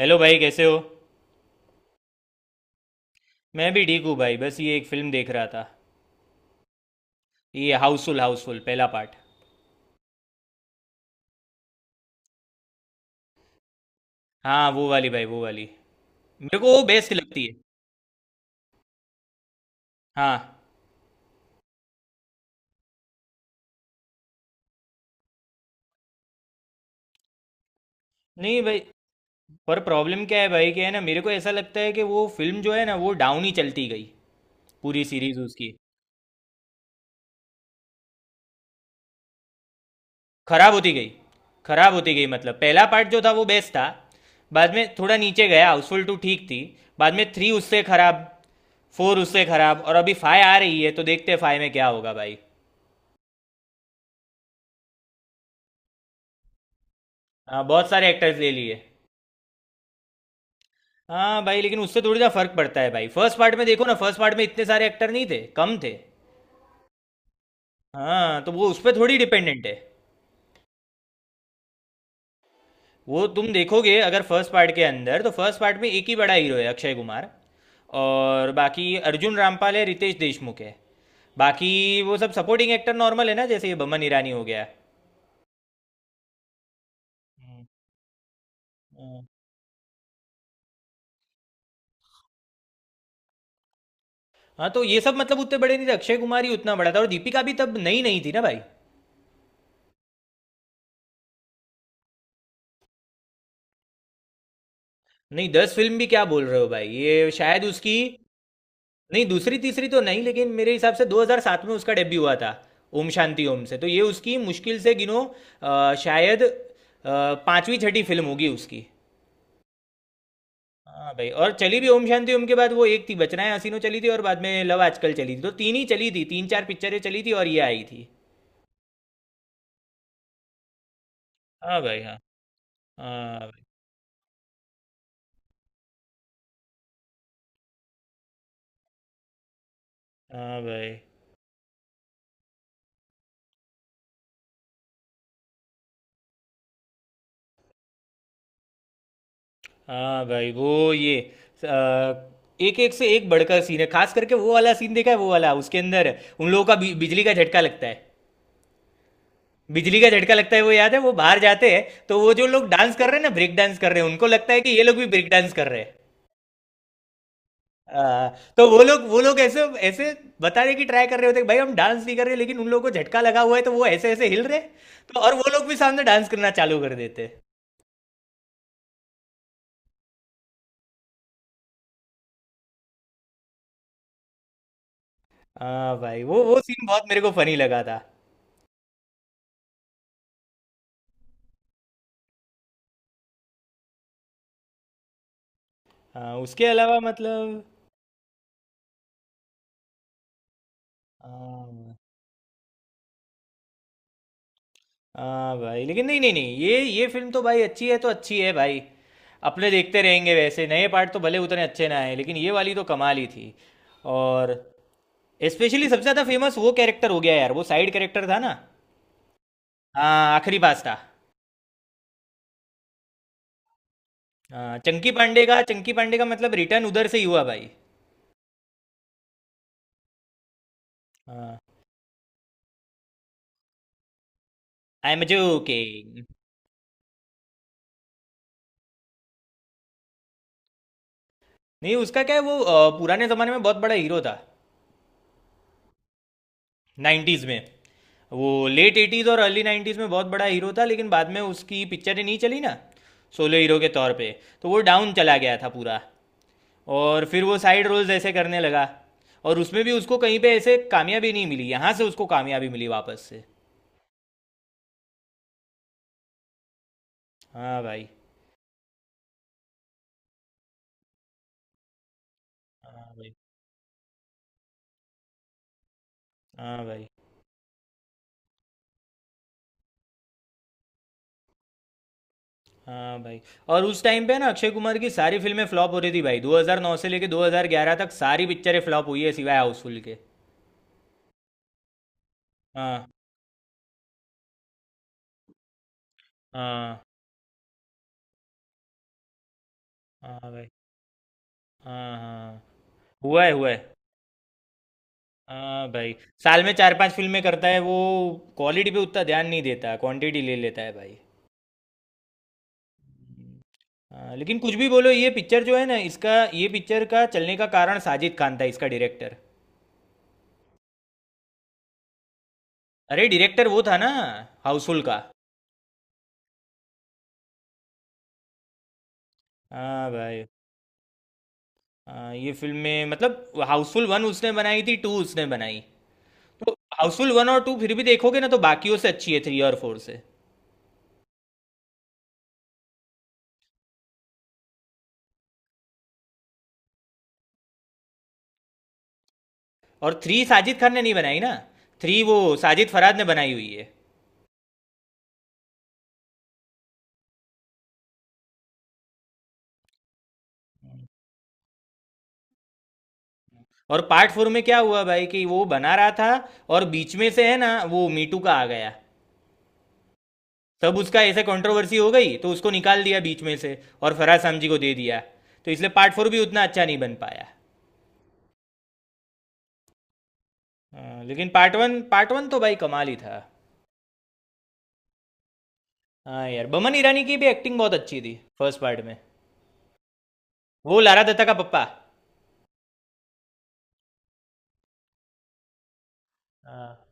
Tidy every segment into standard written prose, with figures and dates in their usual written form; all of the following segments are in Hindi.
हेलो भाई कैसे हो। मैं भी ठीक हूँ भाई, बस ये एक फिल्म देख रहा था। ये हाउसफुल, हाउसफुल पहला पार्ट। हाँ वो वाली भाई, वो वाली। मेरे को वो बेस्ट लगती है। हाँ। नहीं भाई, पर प्रॉब्लम क्या है भाई कि है ना, मेरे को ऐसा लगता है कि वो फिल्म जो है ना, वो डाउन ही चलती गई पूरी सीरीज उसकी। खराब होती गई। खराब होती गई मतलब पहला पार्ट जो था वो बेस्ट था। बाद में थोड़ा नीचे गया, हाउसफुल टू ठीक थी। बाद में थ्री उससे खराब, फोर उससे खराब, और अभी फाइव आ रही है तो देखते हैं फाइव में क्या होगा भाई। हाँ बहुत सारे एक्टर्स ले लिए। हाँ भाई, लेकिन उससे थोड़ी सा फर्क पड़ता है भाई। फर्स्ट पार्ट में देखो ना, फर्स्ट पार्ट में इतने सारे एक्टर नहीं थे, कम थे। हाँ तो वो उस पर थोड़ी डिपेंडेंट है। वो तुम देखोगे अगर फर्स्ट पार्ट के अंदर, तो फर्स्ट पार्ट में एक ही बड़ा हीरो है अक्षय कुमार, और बाकी अर्जुन रामपाल है, रितेश देशमुख है। बाकी वो सब सपोर्टिंग एक्टर नॉर्मल है ना, जैसे ये बमन ईरानी हो गया। हम्म। हाँ। हाँ, तो ये सब मतलब उतने बड़े नहीं थे, अक्षय कुमार ही उतना बड़ा था, और दीपिका भी तब नई नहीं थी ना भाई। नहीं, दस फिल्म भी क्या बोल रहे हो भाई, ये शायद उसकी, नहीं दूसरी तीसरी तो नहीं, लेकिन मेरे हिसाब से 2007 में उसका डेब्यू हुआ था ओम शांति ओम से, तो ये उसकी मुश्किल से गिनो, शायद पांचवी छठी फिल्म होगी उसकी। हाँ भाई, और चली भी ओम शांति ओम के बाद वो एक थी बचनाएं हसीनो चली थी, और बाद में लव आजकल चली थी, तो तीन ही चली थी, तीन चार पिक्चरें चली थी और ये आई थी। हाँ भाई हाँ। हाँ भाई। हाँ भाई। हाँ भाई वो ये, आ, एक एक से एक बढ़कर सीन है, खास करके वो वाला सीन देखा है, वो वाला उसके अंदर, उन लोगों का बिजली का झटका लगता है। बिजली का झटका लगता है वो याद है, वो बाहर जाते हैं तो वो जो लोग डांस कर रहे हैं ना, ब्रेक डांस कर रहे हैं, उनको लगता है कि ये लोग भी ब्रेक डांस कर रहे हैं। आ, तो वो लोग ऐसे ऐसे बताने की ट्राई कर रहे होते हैं कि भाई हम डांस नहीं कर रहे, लेकिन उन लोगों को झटका लगा हुआ है तो वो ऐसे ऐसे हिल रहे हैं। तो और वो लोग भी सामने डांस करना चालू कर देते हैं। हाँ भाई, वो सीन बहुत मेरे को फनी लगा था। हाँ, उसके अलावा मतलब। हाँ, हाँ भाई, लेकिन नहीं नहीं नहीं ये ये फिल्म तो भाई अच्छी है तो अच्छी है भाई। अपने देखते रहेंगे, वैसे नए पार्ट तो भले उतने अच्छे ना आए, लेकिन ये वाली तो कमाल ही थी। और स्पेशली सबसे ज़्यादा फेमस वो कैरेक्टर हो गया यार, वो साइड कैरेक्टर था ना। हाँ आखिरी पास था। हाँ, चंकी पांडे का, चंकी पांडे का मतलब रिटर्न उधर से ही हुआ भाई। हाँ। I am joking. नहीं उसका क्या है, वो पुराने ज़माने में बहुत बड़ा हीरो था, नाइन्टीज़ में। वो लेट एटीज़ और अर्ली नाइन्टीज़ में बहुत बड़ा हीरो था, लेकिन बाद में उसकी पिक्चरें नहीं चली ना सोलो हीरो के तौर पे। तो वो डाउन चला गया था पूरा। और फिर वो साइड रोल्स ऐसे करने लगा, और उसमें भी उसको कहीं पे ऐसे कामयाबी नहीं मिली, यहाँ से उसको कामयाबी मिली वापस से। हाँ भाई। हाँ भाई। हाँ भाई। हाँ भाई, और उस टाइम पे ना अक्षय कुमार की सारी फिल्में फ्लॉप हो रही थी भाई, 2009 से लेके 2011 तक सारी पिक्चरें फ्लॉप हुई है सिवाय हाउसफुल के। हाँ। हाँ। हाँ भाई। हाँ हाँ। हुआ है, हुआ है। हाँ भाई। साल में चार पांच फिल्में करता है वो। क्वालिटी पे उतना ध्यान नहीं देता, क्वांटिटी ले लेता है भाई। हाँ, लेकिन कुछ भी बोलो, ये पिक्चर जो है ना, इसका, ये पिक्चर का चलने का कारण साजिद खान था, इसका डायरेक्टर। अरे डायरेक्टर वो था ना हाउसफुल का। हाँ भाई, हाँ ये फिल्म में मतलब हाउसफुल वन उसने बनाई थी, टू उसने बनाई, तो हाउसफुल वन और टू फिर भी देखोगे ना तो बाकियों से अच्छी है, थ्री और फोर से। और थ्री साजिद खान ने नहीं बनाई ना, थ्री वो साजिद फरहाद ने बनाई हुई है। और पार्ट फोर में क्या हुआ भाई कि वो बना रहा था, और बीच में से है ना वो मीटू का आ गया। तब उसका ऐसे कंट्रोवर्सी हो गई तो उसको निकाल दिया बीच में से, और फराज सामजी को दे दिया। तो इसलिए पार्ट फोर भी उतना अच्छा नहीं बन पाया। हाँ, लेकिन पार्ट वन तो भाई कमाल ही था। हाँ यार, बमन ईरानी की भी एक्टिंग बहुत अच्छी थी फर्स्ट पार्ट में। वो लारा दत्ता का पप्पा। हाँ।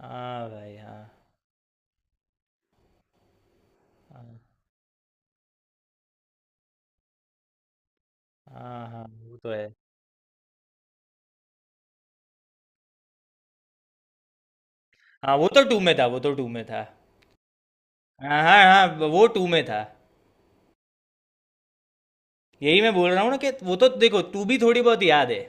हाँ भाई हाँ। हाँ हाँ हाँ। वो तो है। हाँ वो तो टू में था, वो तो टू में था। हाँ हाँ हाँ, वो टू में था। यही मैं बोल रहा हूँ ना कि वो तो देखो, तू भी थोड़ी बहुत याद है।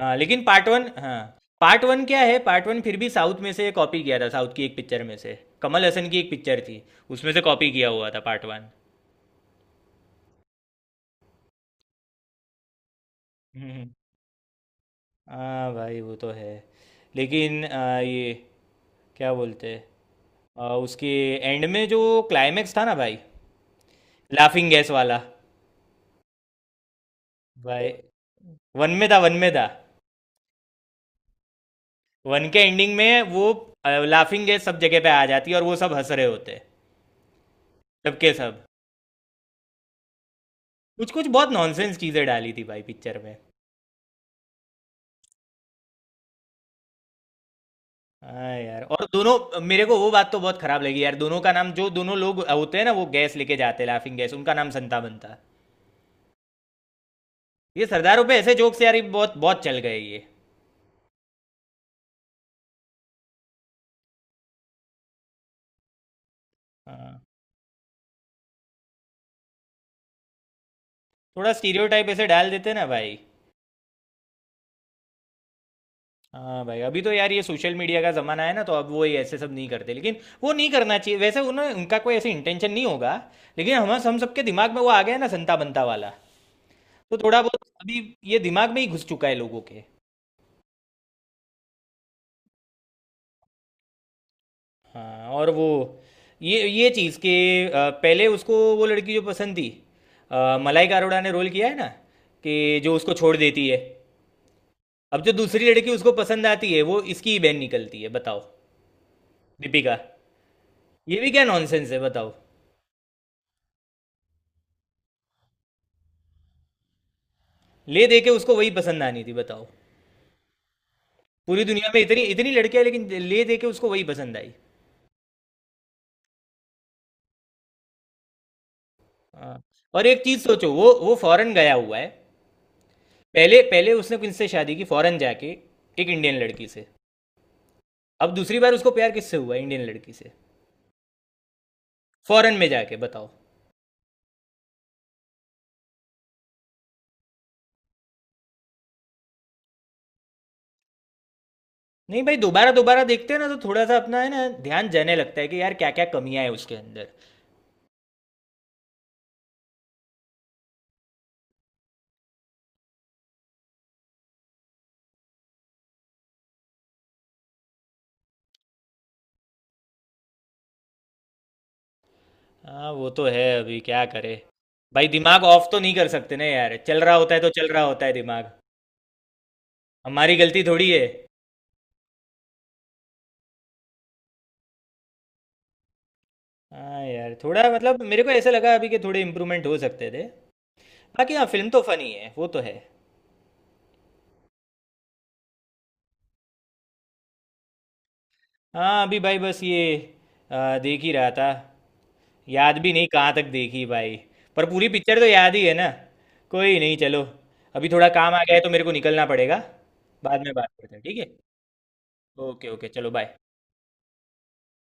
हाँ लेकिन पार्ट वन, हाँ पार्ट वन क्या है, पार्ट वन फिर भी साउथ में से कॉपी किया था, साउथ की एक पिक्चर में से। कमल हसन की एक पिक्चर थी, उसमें से कॉपी किया हुआ था पार्ट वन। हम्म। हाँ भाई वो तो है। लेकिन ये क्या बोलते हैं, उसके एंड में जो क्लाइमेक्स था ना भाई, लाफिंग गैस वाला। भाई वन में था, वन में था। वन के एंडिंग में वो लाफिंग गैस सब जगह पे आ जाती है और वो सब हंस रहे होते हैं, सबके सब। कुछ कुछ बहुत नॉनसेंस चीज़ें डाली थी भाई पिक्चर में। हाँ यार, और दोनों, मेरे को वो बात तो बहुत खराब लगी यार, दोनों का नाम, जो दोनों लोग होते हैं ना वो गैस लेके जाते हैं लाफिंग गैस, उनका नाम संता बनता है। ये सरदारों पे ऐसे जोक्स यार, ये बहुत बहुत चल गए ये। हाँ, थोड़ा स्टीरियोटाइप ऐसे डाल देते ना भाई। हाँ भाई, अभी तो यार ये सोशल मीडिया का ज़माना है ना, तो अब वो ये ऐसे सब नहीं करते, लेकिन वो नहीं करना चाहिए, वैसे उन्हें उनका कोई ऐसे इंटेंशन नहीं होगा, लेकिन हम सबके दिमाग में वो आ गया है ना, संता बनता वाला। तो थोड़ा बहुत अभी ये दिमाग में ही घुस चुका है लोगों के। हाँ, और वो ये चीज़ कि पहले उसको वो लड़की जो पसंद थी, मलाइका अरोड़ा ने रोल किया है ना, कि जो उसको छोड़ देती है, अब जो दूसरी लड़की उसको पसंद आती है वो इसकी ही बहन निकलती है, बताओ, दीपिका। ये भी क्या नॉनसेंस है बताओ। ले दे के उसको वही पसंद आनी थी बताओ, पूरी दुनिया में इतनी इतनी लड़कियां, लेकिन ले दे के उसको वही पसंद आई। हाँ, और एक चीज़ सोचो, वो फॉरेन गया हुआ है, पहले पहले उसने किनसे शादी की फॉरेन जाके, एक इंडियन लड़की से। अब दूसरी बार उसको प्यार किससे हुआ, इंडियन लड़की से, फॉरेन में जाके, बताओ। नहीं भाई, दोबारा दोबारा देखते हैं ना तो थोड़ा सा अपना है ना ध्यान जाने लगता है कि यार क्या क्या कमियां हैं उसके अंदर। हाँ वो तो है, अभी क्या करे भाई, दिमाग ऑफ तो नहीं कर सकते ना यार, चल रहा होता है तो चल रहा होता है दिमाग, हमारी गलती थोड़ी है। हाँ यार, थोड़ा मतलब मेरे को ऐसा लगा अभी कि थोड़े इम्प्रूवमेंट हो सकते थे। बाकी हाँ, फिल्म तो फनी है, वो तो है। हाँ अभी भाई बस ये, देख ही रहा था, याद भी नहीं कहाँ तक देखी भाई, पर पूरी पिक्चर तो याद ही है ना। कोई नहीं चलो, अभी थोड़ा काम आ गया है तो मेरे को निकलना पड़ेगा, बाद में बात करते हैं, ठीक है। ओके ओके, चलो बाय।